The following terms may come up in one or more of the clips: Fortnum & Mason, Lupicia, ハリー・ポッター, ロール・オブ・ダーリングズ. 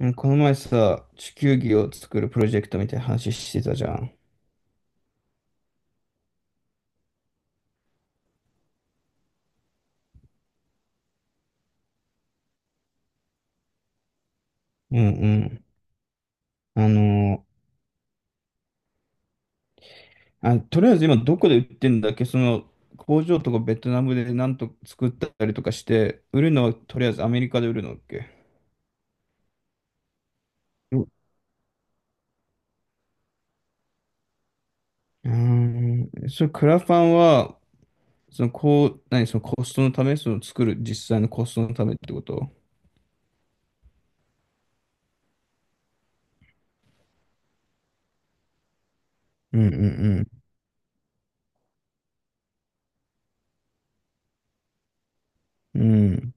うんこの前さ、地球儀を作るプロジェクトみたいな話してたじゃん。うんうん。あのーあ、とりあえず今どこで売ってんだっけ？その工場とかベトナムでなんと作ったりとかして、売るのはとりあえずアメリカで売るのだっけ？うん。うーんそれクラファンは、そのこう、何、そのコストのため、その作る実際のコストのためってこと？うんうんうん。うん。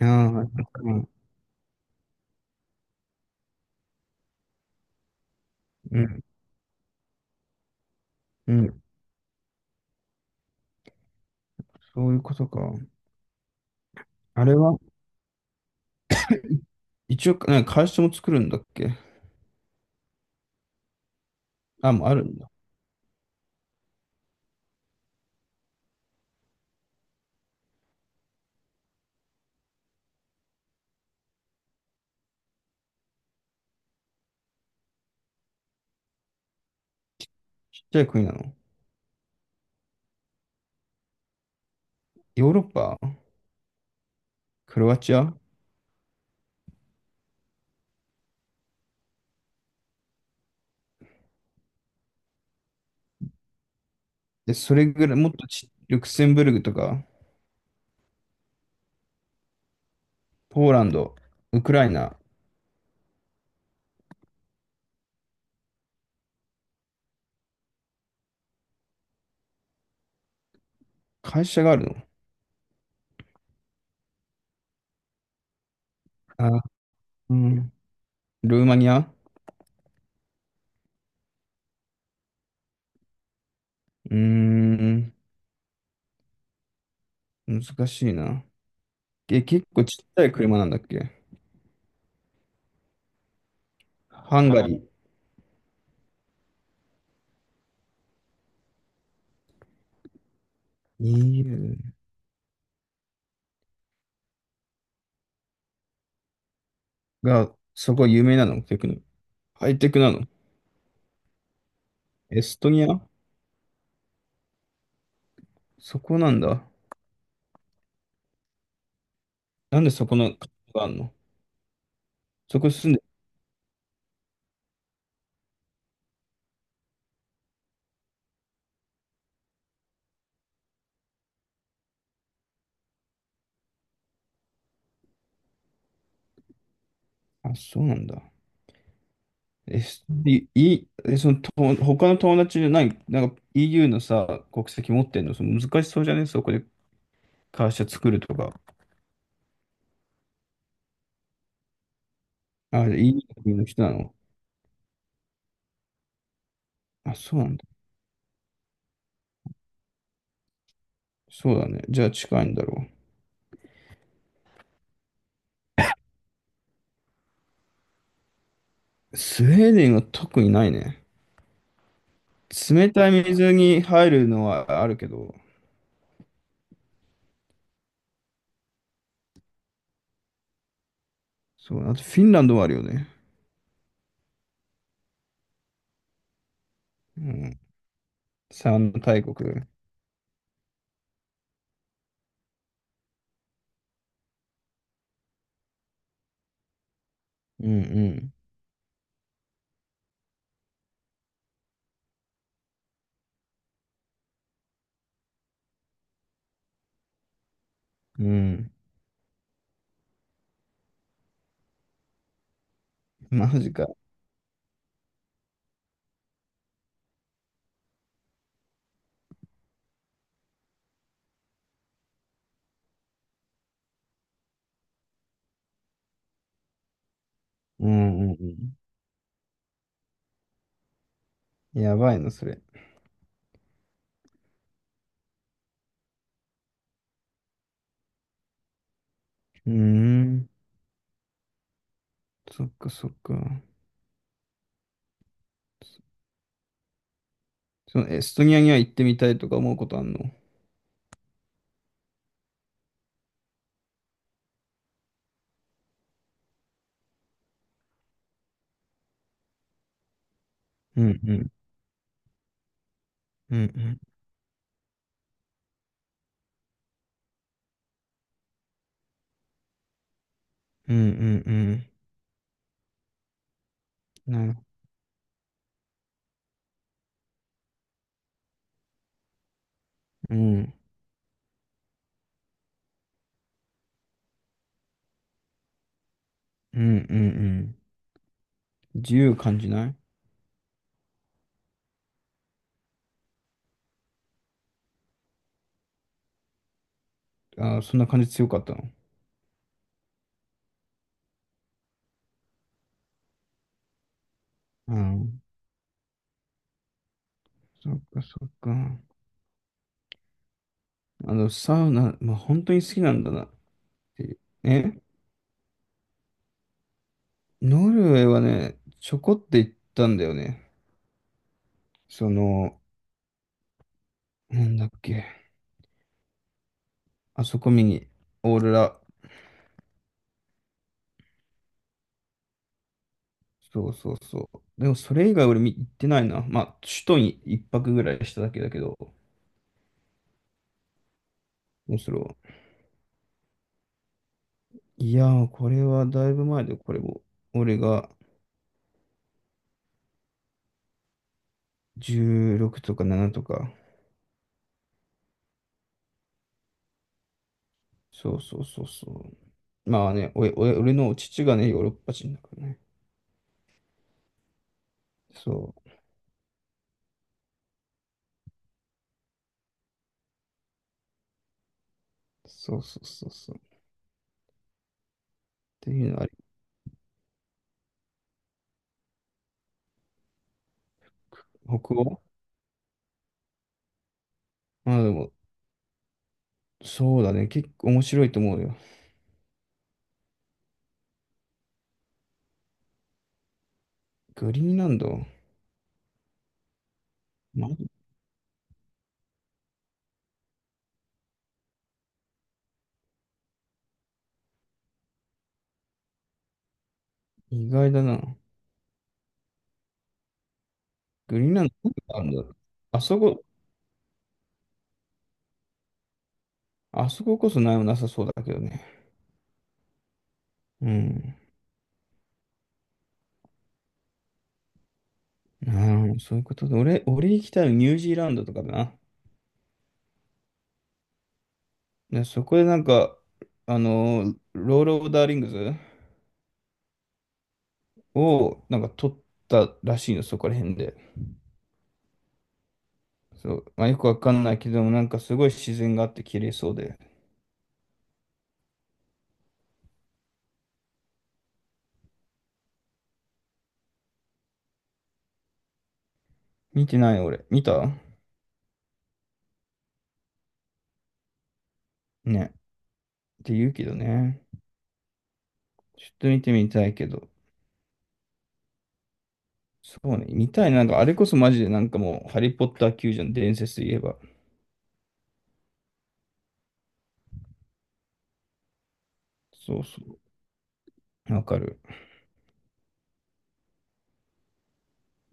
ああ、そっか。うんうん。そういうことか。あれは一応、なんか会社も作るんだっけ？あ、もうあるんだ。ちっちゃい国なの？ヨーロッパ。クロアチア。で、それぐらい、もっとち、ルクセンブルグとか、ポーランド、ウクライナ、会社があるの？あ、うん。ルーマニア。うーん、難しいな。え、結構ちっちゃい車なんだっけ？ハンガリー。EU が、そこ有名なのテクノ。ハイテクなの？エストニア。そこなんだ。なんでそこの国があるの？そこ住んで、あ、そうなんだ。え、すい、いえ、その、と、他の友達じゃない、なんか EU のさ、国籍持ってんの、その難しそうじゃねそこで会社作るとか。あ、EU の国の人なの？あ、そうなんだ。そうだね。じゃあ近いんだろう。スウェーデンは特にないね。冷たい水に入るのはあるけど、そう、あとフィンランドはあるよね。うん。三大国。うんうん。うん。マジか。うんうんうん。やばいな、それ。うーん。そっかそっか。そのエストニアには行ってみたいとか思うことあんの？うんうんうんうんうんうんうんなる。うんうんうんうん。自由感じない？あーそんな感じ強かったの？うん。そっかそっか。あのサウナ、まあ、本当に好きなんだなっていう。え、ノルウェーはねちょこって行ったんだよね。その、なんだっけ、あそこ見に。オーロラ。そうそうそう。でもそれ以外俺見行ってないな。まあ首都に一泊ぐらいしただけだけど。面白い。いやー、これはだいぶ前で、これも。俺が16とか7とか。そうそうそうそう。まあね、おいおい俺の父がね、ヨーロッパ人だからね。そう。そうそうそうそう。っていうのはあり、北欧。まあでも、そうだね。結構面白いと思うよ。グリーンランド。ま、意外だな。グリーンランド、あるんだ？あそこ、あそここそ何もなさそうだけどね。うん。なるほど、そういうことで。俺、俺行きたいのニュージーランドとかだな。ね、そこでなんか、ロール・オブ・ダーリングズをなんか取ったらしいの、そこら辺で。そう、まあ、よくわかんないけども、なんかすごい自然があって綺麗そうで。見てない俺。見たね。って言うけどね。ちょっと見てみたいけど。そうね。見たい。なんかあれこそマジでなんかもう、ハリー・ポッター級じゃん、伝説で言えば。そうそう。わかる。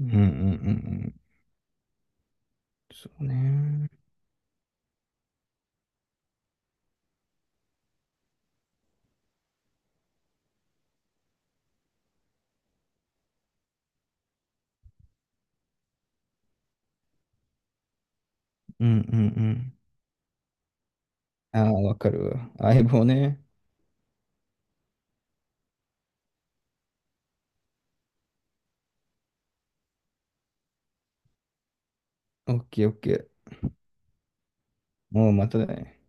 うんうんうんうん。そうね。うんうんうん。ああ、わかるわ。相棒ね。オッケーオッケー。もうまたね。